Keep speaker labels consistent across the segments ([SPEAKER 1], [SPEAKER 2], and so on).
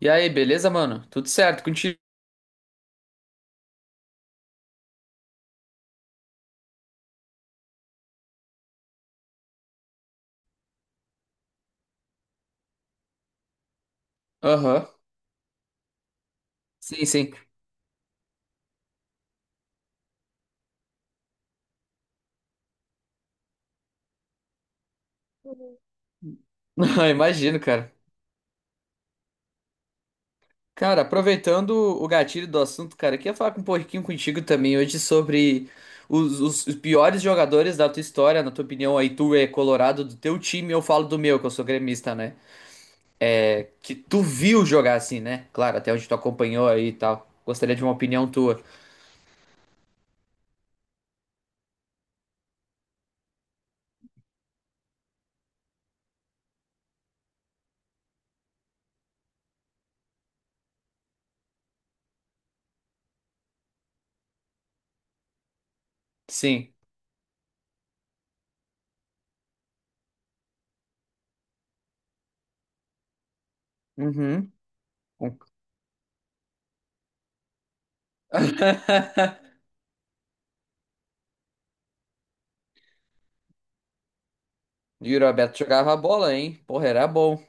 [SPEAKER 1] E aí, beleza, mano? Tudo certo contigo? Aham. Sim, sim. Ah, imagino, cara. Cara, aproveitando o gatilho do assunto, cara, eu queria falar um pouquinho contigo também hoje sobre os piores jogadores da tua história, na tua opinião, aí tu é colorado do teu time, eu falo do meu, que eu sou gremista, né? É, que tu viu jogar assim, né? Claro, até onde tu acompanhou aí e tal. Gostaria de uma opinião tua. Sim. Uhum. E o Roberto jogava a bola, hein? Porra, era bom.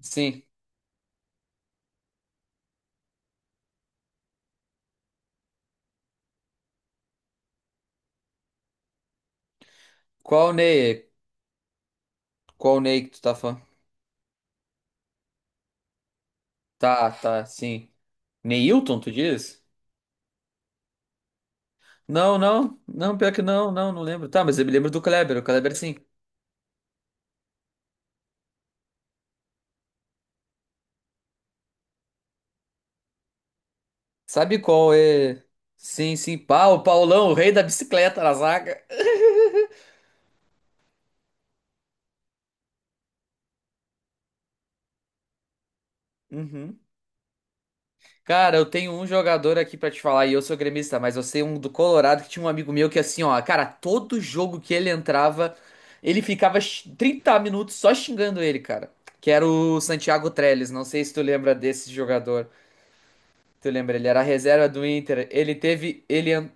[SPEAKER 1] Sim. Qual o Ney? Qual Ney que tu tá falando? Tá, tá, sim. Neilton, tu diz? Não, pior que não lembro. Tá, mas eu me lembro do Kleber, o Kleber sim. Sabe qual é? Sim, sim, pá, o Paulão, o rei da bicicleta na zaga. Uhum. Cara, eu tenho um jogador aqui pra te falar, e eu sou gremista, mas eu sei um do Colorado que tinha um amigo meu que assim, ó, cara, todo jogo que ele entrava, ele ficava 30 minutos só xingando ele, cara. Que era o Santiago Trellis, não sei se tu lembra desse jogador. Tu lembra, ele era a reserva do Inter. Ele teve.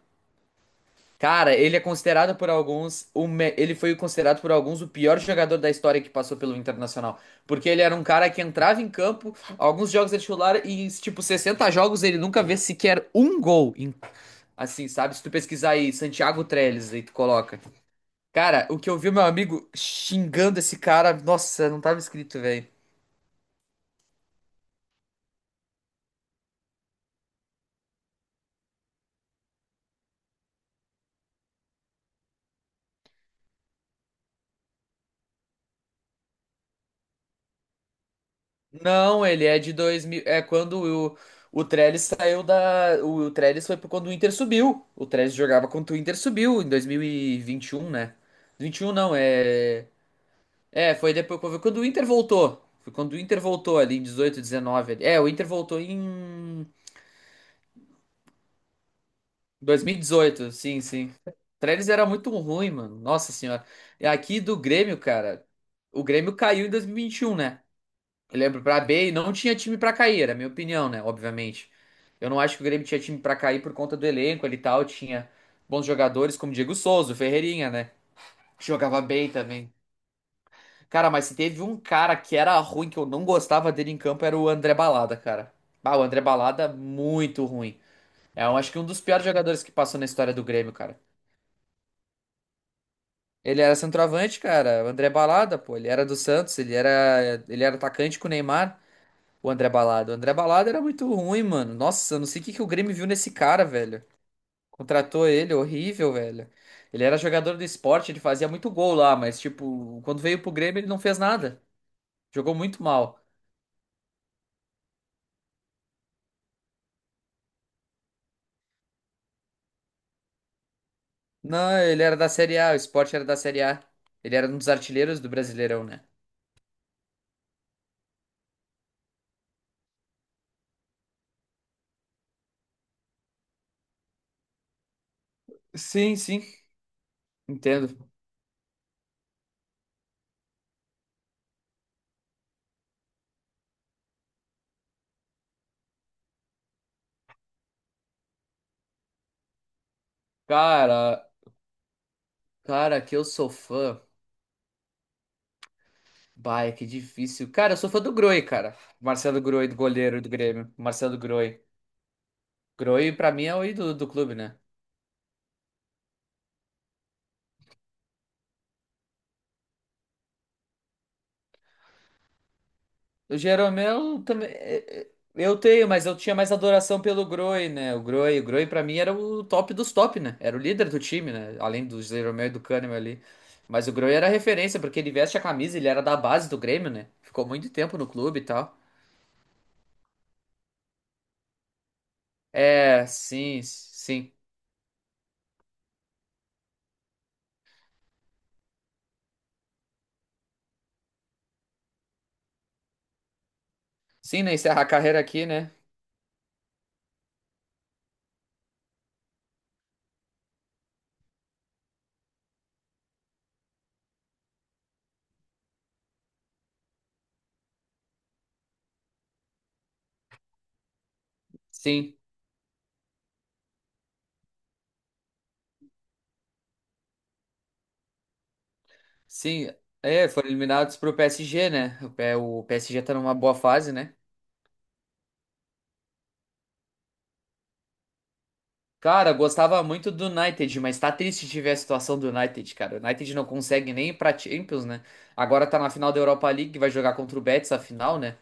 [SPEAKER 1] Cara, ele é considerado por alguns. Ele foi considerado por alguns o pior jogador da história que passou pelo Internacional. Porque ele era um cara que entrava em campo, alguns jogos é titular, e em tipo 60 jogos ele nunca vê sequer um gol. Assim, sabe? Se tu pesquisar aí, Santiago Trellis, aí tu coloca. Cara, o que eu vi meu amigo xingando esse cara, nossa, não tava escrito, velho. Não, ele é de 2000. É quando o Trellis saiu da. O Trellis foi por quando o Inter subiu. O Trellis jogava quando o Inter subiu em dois mil e vinte e um, né? 21 não, é. É, foi depois foi quando o Inter voltou. Foi quando o Inter voltou ali em 18 19. Ali. É, o Inter voltou em dois mil e dezoito. Sim, sim. O Trellis era muito ruim, mano. Nossa senhora. E aqui do Grêmio, cara. O Grêmio caiu em dois mil e vinte e um, né? Eu lembro pra B e não tinha time pra cair, era a minha opinião, né? Obviamente. Eu não acho que o Grêmio tinha time pra cair por conta do elenco ali e tal. Tinha bons jogadores como Diego Souza, o Ferreirinha, né? Que jogava bem também. Cara, mas se teve um cara que era ruim, que eu não gostava dele em campo, era o André Balada, cara. Ah, o André Balada, muito ruim. É, eu acho que um dos piores jogadores que passou na história do Grêmio, cara. Ele era centroavante, cara. O André Balada, pô, ele era do Santos, ele era atacante com o Neymar. O André Balada. O André Balada era muito ruim, mano. Nossa, eu não sei o que que o Grêmio viu nesse cara, velho. Contratou ele, horrível, velho. Ele era jogador do esporte, ele fazia muito gol lá, mas, tipo, quando veio pro Grêmio, ele não fez nada. Jogou muito mal. Não, ele era da Série A, o esporte era da Série A. Ele era um dos artilheiros do Brasileirão, né? Sim, sim. Entendo. Cara, cara, que eu sou fã. Bah, é que difícil. Cara, eu sou fã do Groi, cara. Marcelo Groi, do goleiro do Grêmio. Marcelo Groi. Groi, pra mim, é o ídolo do clube, né? O Jeromel também. É, é, eu tenho, mas eu tinha mais adoração pelo Groy, né? O Groy pra mim era o top dos top, né? Era o líder do time, né? Além do Jeromel e do Kahneman ali. Mas o Groy era referência, porque ele veste a camisa, ele era da base do Grêmio, né? Ficou muito tempo no clube e tal. É, sim, sim. Sim, né? Encerra a carreira aqui, né? Sim, sim. É, foram eliminados pro PSG, né? O PSG tá numa boa fase, né? Cara, eu gostava muito do United, mas tá triste de ver a situação do United, cara. O United não consegue nem ir pra Champions, né? Agora tá na final da Europa League, vai jogar contra o Betis a final, né?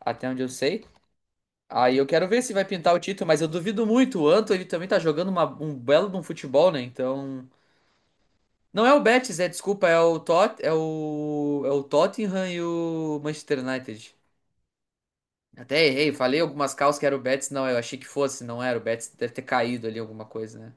[SPEAKER 1] Até onde eu sei. Aí eu quero ver se vai pintar o título, mas eu duvido muito. O Anto, ele também tá jogando um belo de um futebol, né? Então. Não é o Betis, é, desculpa, é o Tot, é o, é o Tottenham e o Manchester United. Até errei, falei algumas calças que era o Betis, não, eu achei que fosse, não era o Betis, deve ter caído ali alguma coisa, né?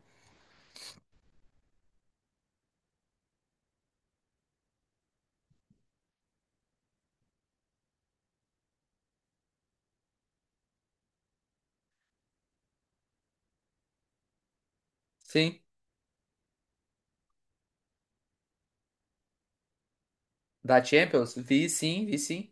[SPEAKER 1] Sim. Da Champions? Vi sim.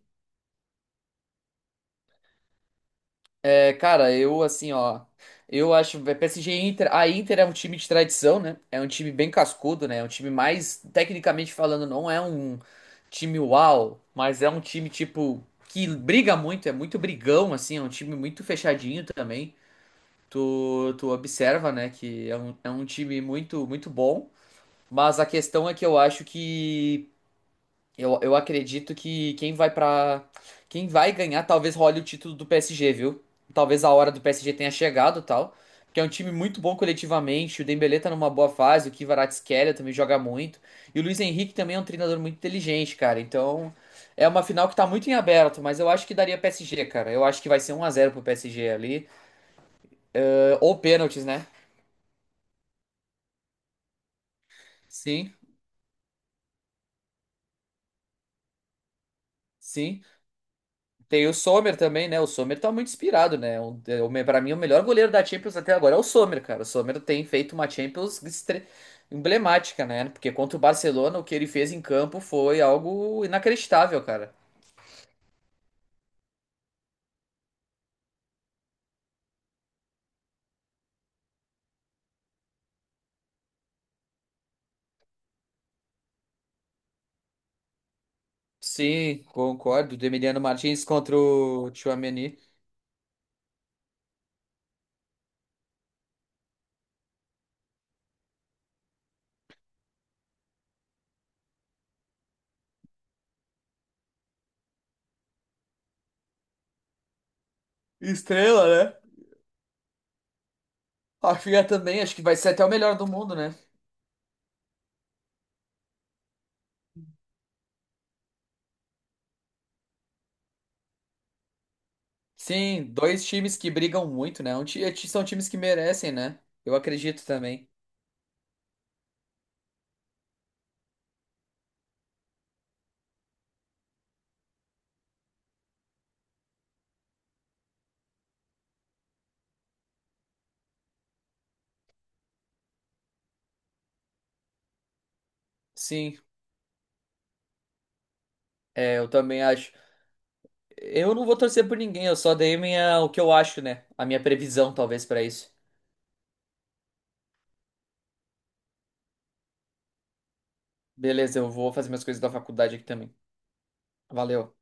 [SPEAKER 1] É, cara, eu assim, ó. Eu acho é, PSG e Inter. A Inter é um time de tradição, né? É um time bem cascudo, né? É um time mais, tecnicamente falando, não é um time uau, mas é um time tipo que briga muito, é muito brigão, assim, é um time muito fechadinho também. Tu observa, né, que é um time muito bom. Mas a questão é que eu acho que eu acredito que quem vai pra. Quem vai ganhar talvez role o título do PSG, viu? Talvez a hora do PSG tenha chegado, tal, porque é um time muito bom coletivamente, o Dembélé tá numa boa fase, o Kvaratskhelia também joga muito, e o Luiz Henrique também é um treinador muito inteligente, cara. Então, é uma final que tá muito em aberto, mas eu acho que daria PSG, cara. Eu acho que vai ser um a 0 pro PSG ali, eh, ou pênaltis, né? Sim, sim. Tem o Sommer também, né? O Sommer tá muito inspirado, né? Pra mim, o melhor goleiro da Champions até agora é o Sommer, cara. O Sommer tem feito uma emblemática, né? Porque contra o Barcelona, o que ele fez em campo foi algo inacreditável, cara. Sim, concordo. Do Emiliano Martins contra o Tchouaméni. Estrela, né? Rafinha também, acho que vai ser até o melhor do mundo, né? Sim, dois times que brigam muito, né? São times que merecem, né? Eu acredito também. Sim, é, eu também acho. Eu não vou torcer por ninguém, eu só dei minha, o que eu acho, né? A minha previsão, talvez, pra isso. Beleza, eu vou fazer minhas coisas da faculdade aqui também. Valeu.